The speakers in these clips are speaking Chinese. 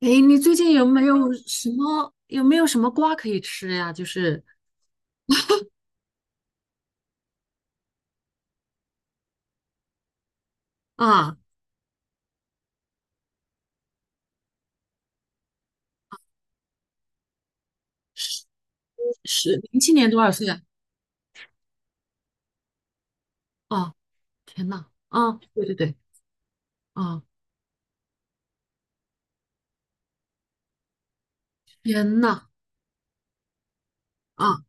诶，你最近有没有什么瓜可以吃呀？就是啊，是07年多少岁啊？哦，天呐，啊，对对对，啊，天呐，啊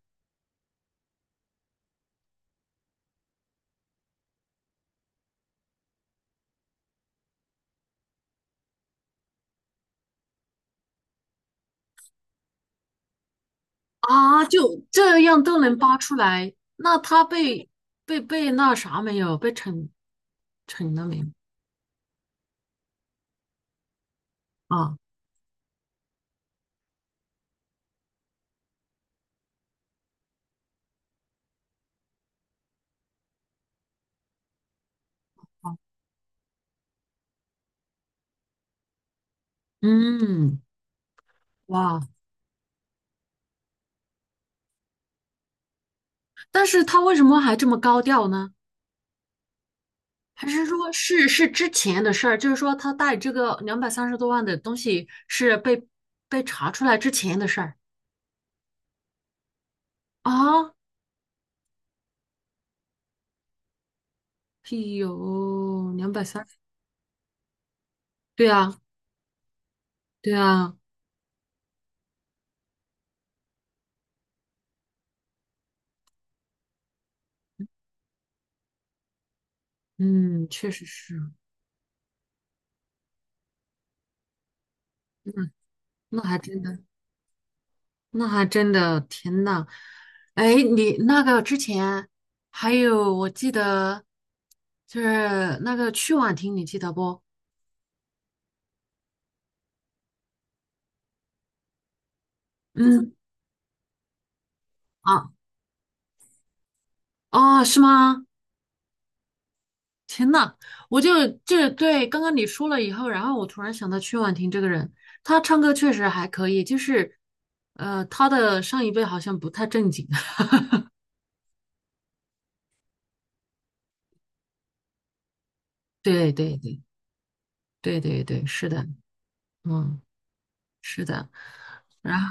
啊，就这样都能扒出来，那他被那啥没有？被惩了没有？啊，嗯，哇，但是他为什么还这么高调呢？还是说是之前的事儿？就是说他带这个230多万的东西是被查出来之前的事儿啊？哎呦，两百三，对啊，对啊，嗯，确实是，嗯，那还真的，那还真的，天呐，哎，你那个之前还有我记得就是那个曲婉婷，你记得不？嗯，啊，哦，是吗？天呐，我就对刚刚你说了以后，然后我突然想到曲婉婷这个人，她唱歌确实还可以，就是她的上一辈好像不太正经。对对对对对对，是的，嗯，是的。然后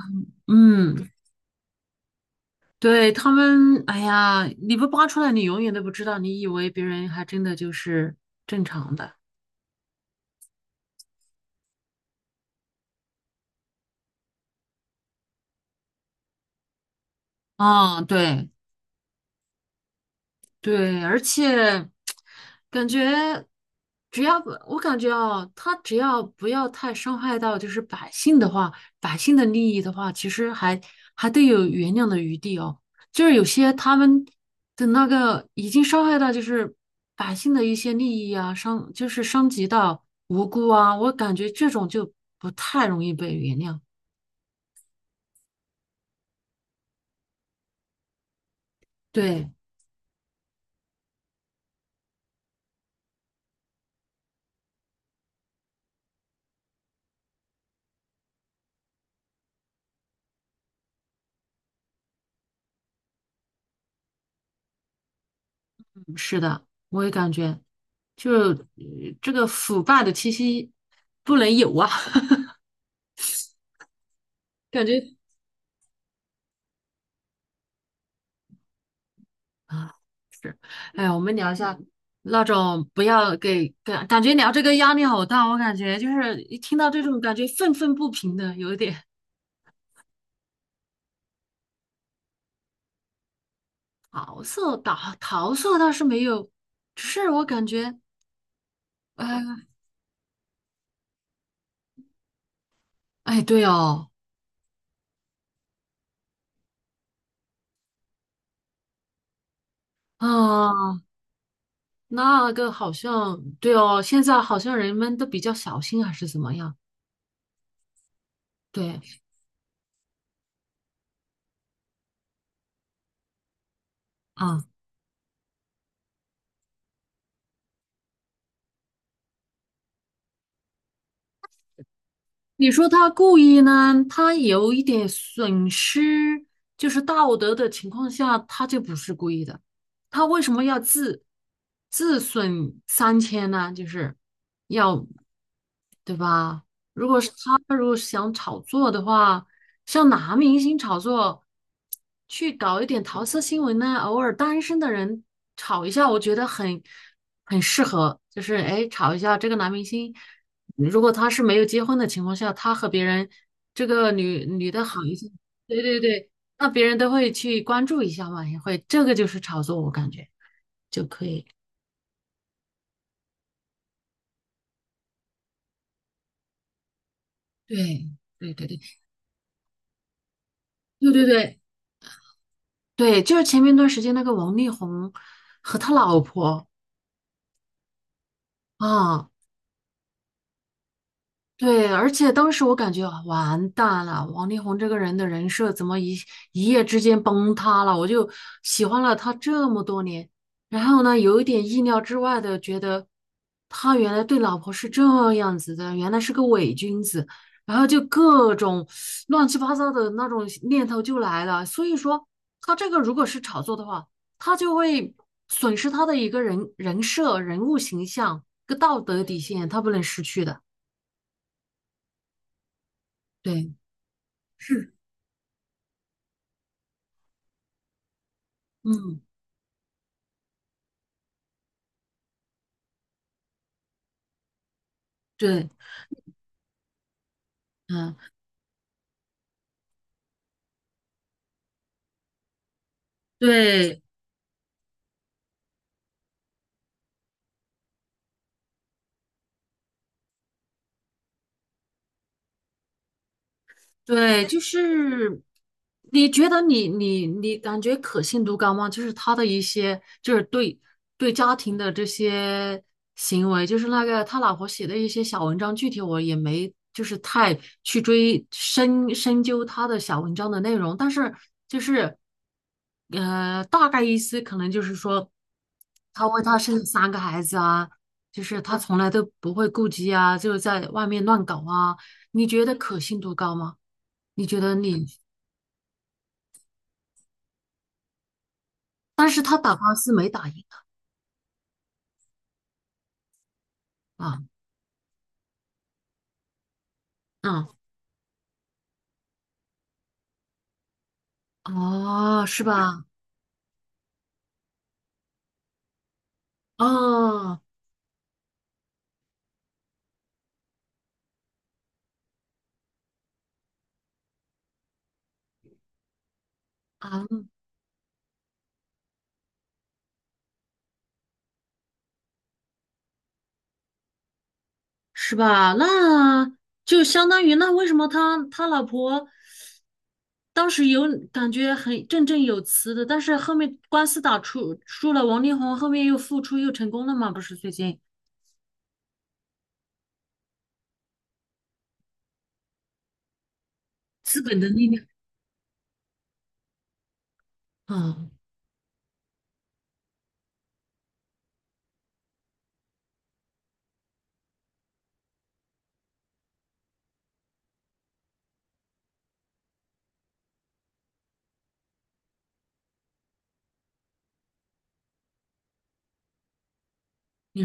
嗯，对他们，哎呀，你不扒出来，你永远都不知道，你以为别人还真的就是正常的。嗯，对，对，而且感觉只要不，我感觉哦，他只要不要太伤害到就是百姓的话，百姓的利益的话，其实还得有原谅的余地哦。就是有些他们的那个已经伤害到就是百姓的一些利益啊，伤就是伤及到无辜啊，我感觉这种就不太容易被原谅。对，是的，我也感觉，就这个腐败的气息不能有啊。感觉啊，是，哎呀，我们聊一下那种不要给感觉聊这个压力好大，我感觉就是一听到这种感觉愤愤不平的，有一点桃色倒是没有，只是我感觉，哎哎，对哦，啊，那个好像对哦，现在好像人们都比较小心还是怎么样？对啊，你说他故意呢，他有一点损失，就是道德的情况下，他就不是故意的。他为什么要自损三千呢？就是要，对吧？如果是他如果想炒作的话，像男明星炒作，去搞一点桃色新闻呢，偶尔单身的人炒一下，我觉得很适合，就是哎，炒一下这个男明星。如果他是没有结婚的情况下，他和别人这个女的好一些，对对对，那别人都会去关注一下嘛，也会，这个就是炒作，我感觉就可以。对对对对对对对，对，就是前面一段时间那个王力宏和他老婆啊，对，而且当时我感觉啊完蛋了，王力宏这个人的人设怎么一夜之间崩塌了？我就喜欢了他这么多年，然后呢，有一点意料之外的觉得他原来对老婆是这样子的，原来是个伪君子，然后就各种乱七八糟的那种念头就来了。所以说，他这个如果是炒作的话，他就会损失他的一个人设、人物形象、一个道德底线，他不能失去的。对。是，嗯，对，嗯，对，对，就是你觉得你感觉可信度高吗？就是他的一些，就是对家庭的这些行为，就是那个他老婆写的一些小文章，具体我也没就是太去追深究他的小文章的内容，但是就是大概意思可能就是说。他为他生了3个孩子啊，就是他从来都不会顾及啊，就是在外面乱搞啊，你觉得可信度高吗？你觉得你，但是他打官司没打赢啊，嗯，哦，是吧？哦，啊，是吧？那就相当于那为什么他老婆当时有感觉很振振有词的，但是后面官司打出输了，王力宏后面又复出又成功了嘛？不是最近资本的力量，啊。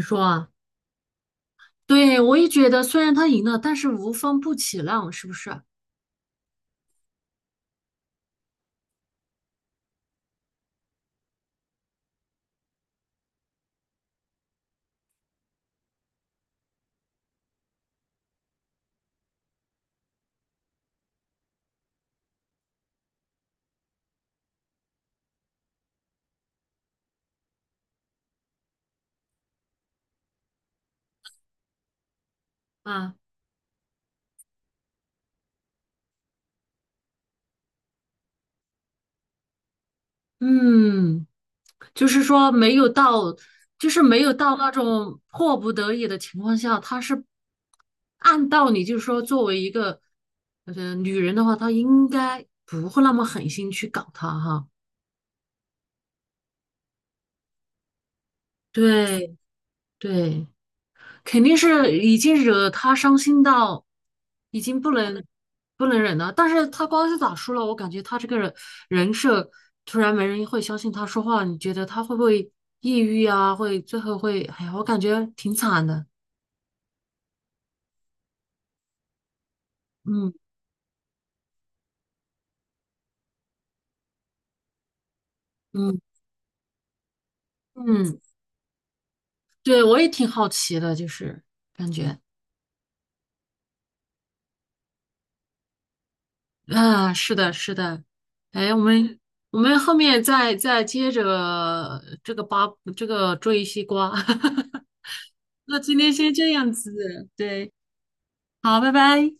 你说啊，对，我也觉得，虽然他赢了，但是无风不起浪，是不是啊？嗯，就是说没有到，就是没有到那种迫不得已的情况下，他是按道理就是说，作为一个女人的话，她应该不会那么狠心去搞他哈。对对，肯定是已经惹他伤心到已经不能忍了。但是他官司打输了，我感觉他这个人设突然没人会相信他说话，你觉得他会不会抑郁啊？会最后会，哎呀，我感觉挺惨的。嗯嗯嗯，对，我也挺好奇的，就是感觉啊，是的，是的。哎，我们后面再接着这个追西瓜。那今天先这样子，对，好，拜拜。